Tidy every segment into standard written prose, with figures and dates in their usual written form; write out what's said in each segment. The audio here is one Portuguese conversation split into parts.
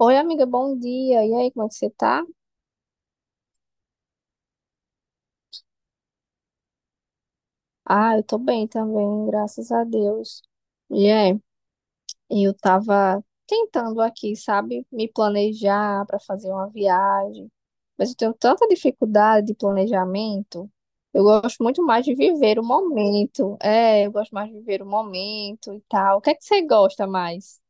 Oi, amiga, bom dia. E aí, como é que você tá? Ah, eu tô bem também, graças a Deus. E é, eu tava tentando aqui, sabe, me planejar para fazer uma viagem, mas eu tenho tanta dificuldade de planejamento. Eu gosto muito mais de viver o momento. É, eu gosto mais de viver o momento e tal. O que é que você gosta mais?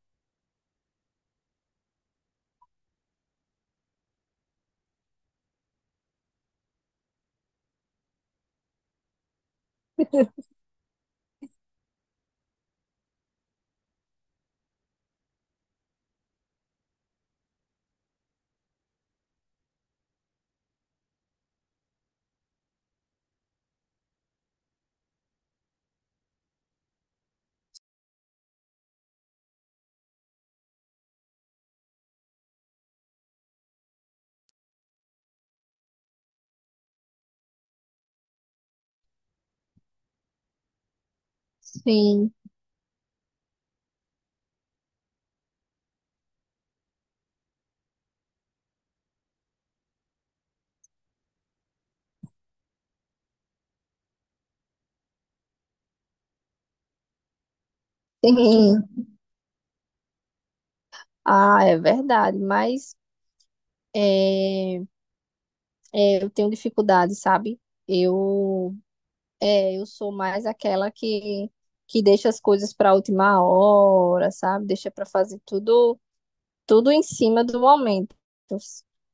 Sim, sim. Ah, é verdade, mas é, eu tenho dificuldade, sabe? Eu eu sou mais aquela que deixa as coisas para a última hora, sabe? Deixa para fazer tudo, tudo em cima do momento.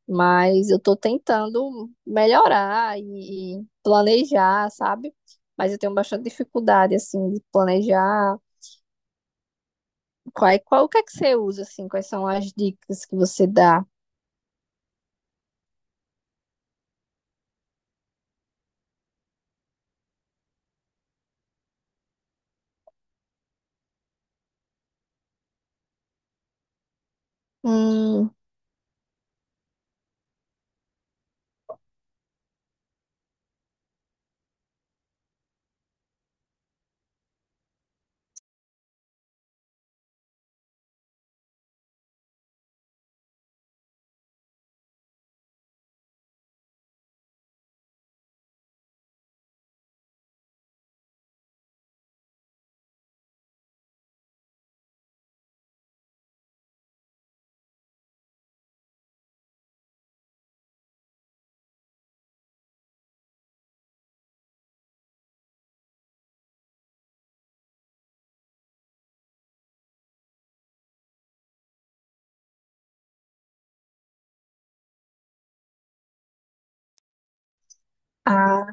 Mas eu estou tentando melhorar e planejar, sabe? Mas eu tenho bastante dificuldade, assim, de planejar. Qual, o que é que você usa, assim? Quais são as dicas que você dá? Hum, ah,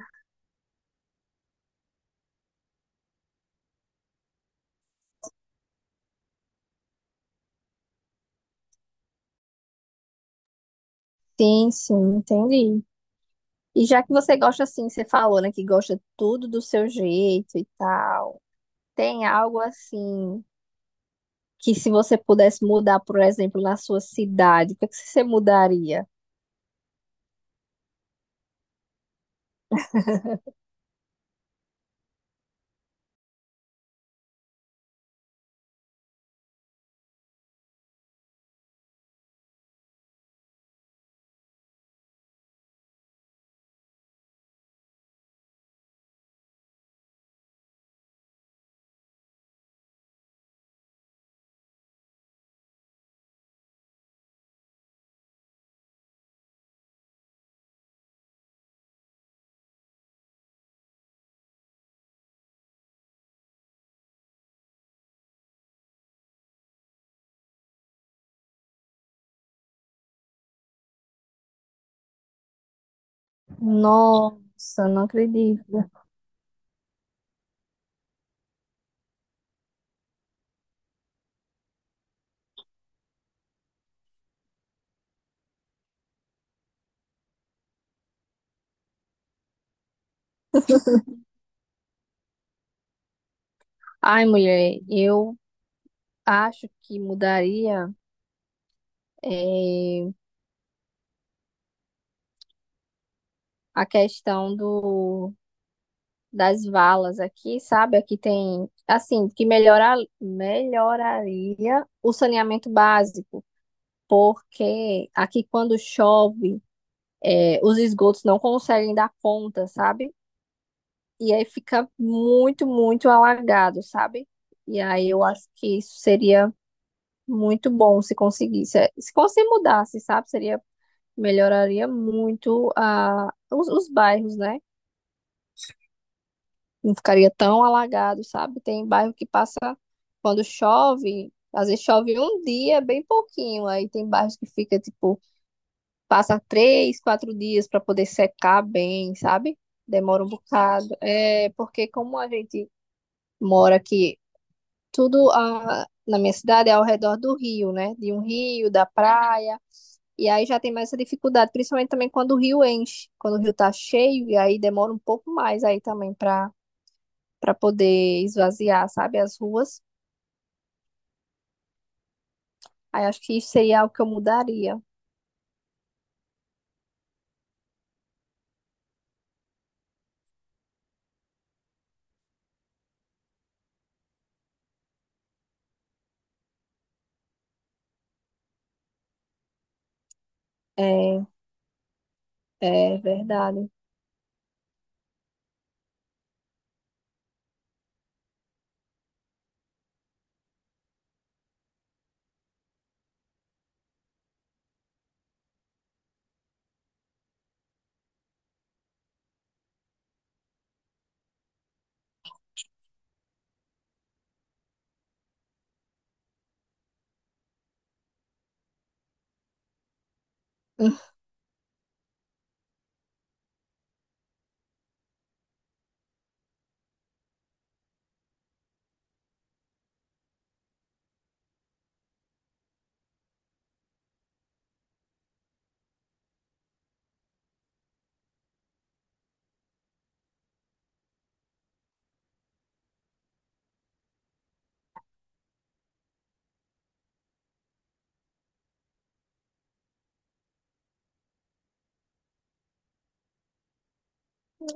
sim, sim, entendi. E já que você gosta, assim, você falou, né, que gosta tudo do seu jeito e tal. Tem algo assim que se você pudesse mudar, por exemplo, na sua cidade, o que é que você mudaria? Nossa, não acredito. Ai, mulher, eu acho que mudaria eh, a questão do das valas aqui, sabe? Aqui tem, assim, que melhorar, melhoraria o saneamento básico, porque aqui quando chove, os esgotos não conseguem dar conta, sabe? E aí fica muito, muito alagado, sabe? E aí eu acho que isso seria muito bom se conseguisse. É, se conseguir mudasse, sabe? Seria, melhoraria muito os bairros, né? Não ficaria tão alagado, sabe? Tem bairro que passa quando chove, às vezes chove um dia, bem pouquinho. Aí tem bairros que fica, tipo, passa três, quatro dias para poder secar bem, sabe? Demora um bocado. É porque como a gente mora aqui tudo a, na minha cidade é ao redor do rio, né? De um rio, da praia. E aí já tem mais essa dificuldade, principalmente também quando o rio enche, quando o rio tá cheio, e aí demora um pouco mais aí também para poder esvaziar, sabe, as ruas. Aí acho que isso seria algo que eu mudaria. É, é verdade.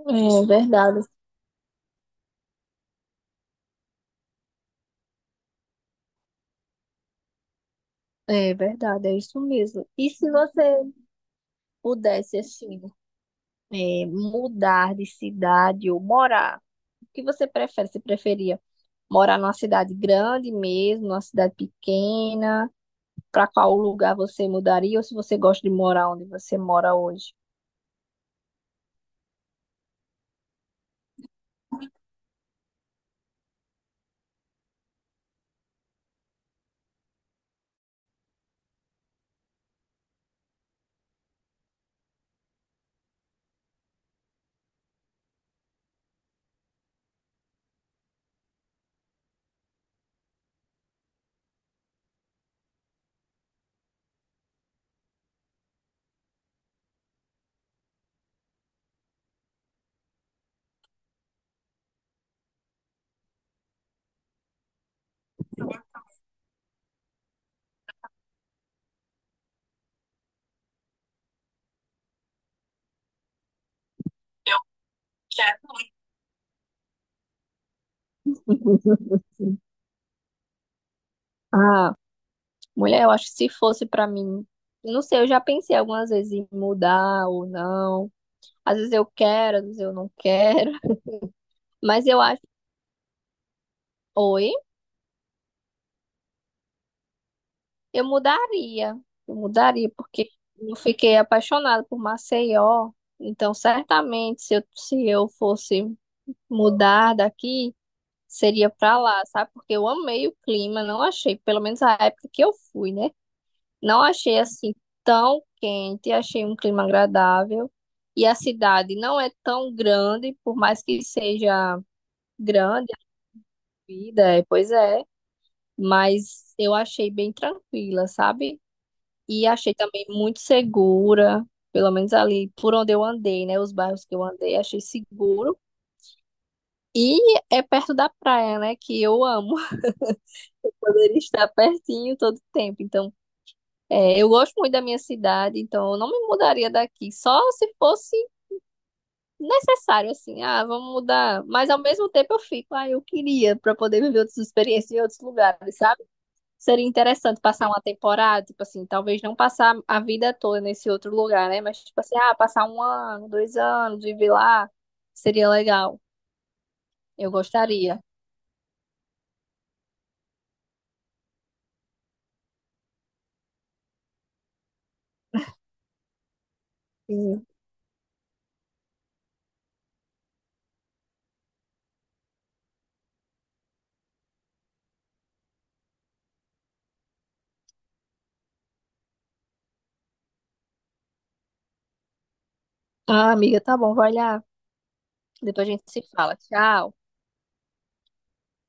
É verdade. É verdade, é isso mesmo. E se você pudesse, assim, mudar de cidade ou morar, o que você prefere? Você preferia morar numa cidade grande mesmo, numa cidade pequena? Para qual lugar você mudaria ou se você gosta de morar onde você mora hoje? Ah, mulher, eu acho que se fosse para mim, não sei, eu já pensei algumas vezes em mudar ou não. Às vezes eu quero, às vezes eu não quero, mas eu acho, oi, eu mudaria. Eu mudaria porque eu fiquei apaixonada por Maceió, então certamente se eu fosse mudar daqui seria pra lá, sabe? Porque eu amei o clima, não achei, pelo menos a época que eu fui, né? Não achei assim tão quente, achei um clima agradável. E a cidade não é tão grande, por mais que seja grande a vida, é, pois é, mas eu achei bem tranquila, sabe? E achei também muito segura, pelo menos ali por onde eu andei, né? Os bairros que eu andei, achei seguro. E é perto da praia, né? Que eu amo. Eu poderia estar pertinho todo tempo. Então, eu gosto muito da minha cidade, então eu não me mudaria daqui. Só se fosse necessário, assim, ah, vamos mudar. Mas ao mesmo tempo eu fico, ah, eu queria para poder viver outras experiências em outros lugares, sabe? Seria interessante passar uma temporada, tipo assim, talvez não passar a vida toda nesse outro lugar, né? Mas, tipo assim, ah, passar um ano, dois anos, viver lá, seria legal. Eu gostaria. Sim. Ah, amiga, tá bom, vai lá. Depois a gente se fala. Tchau.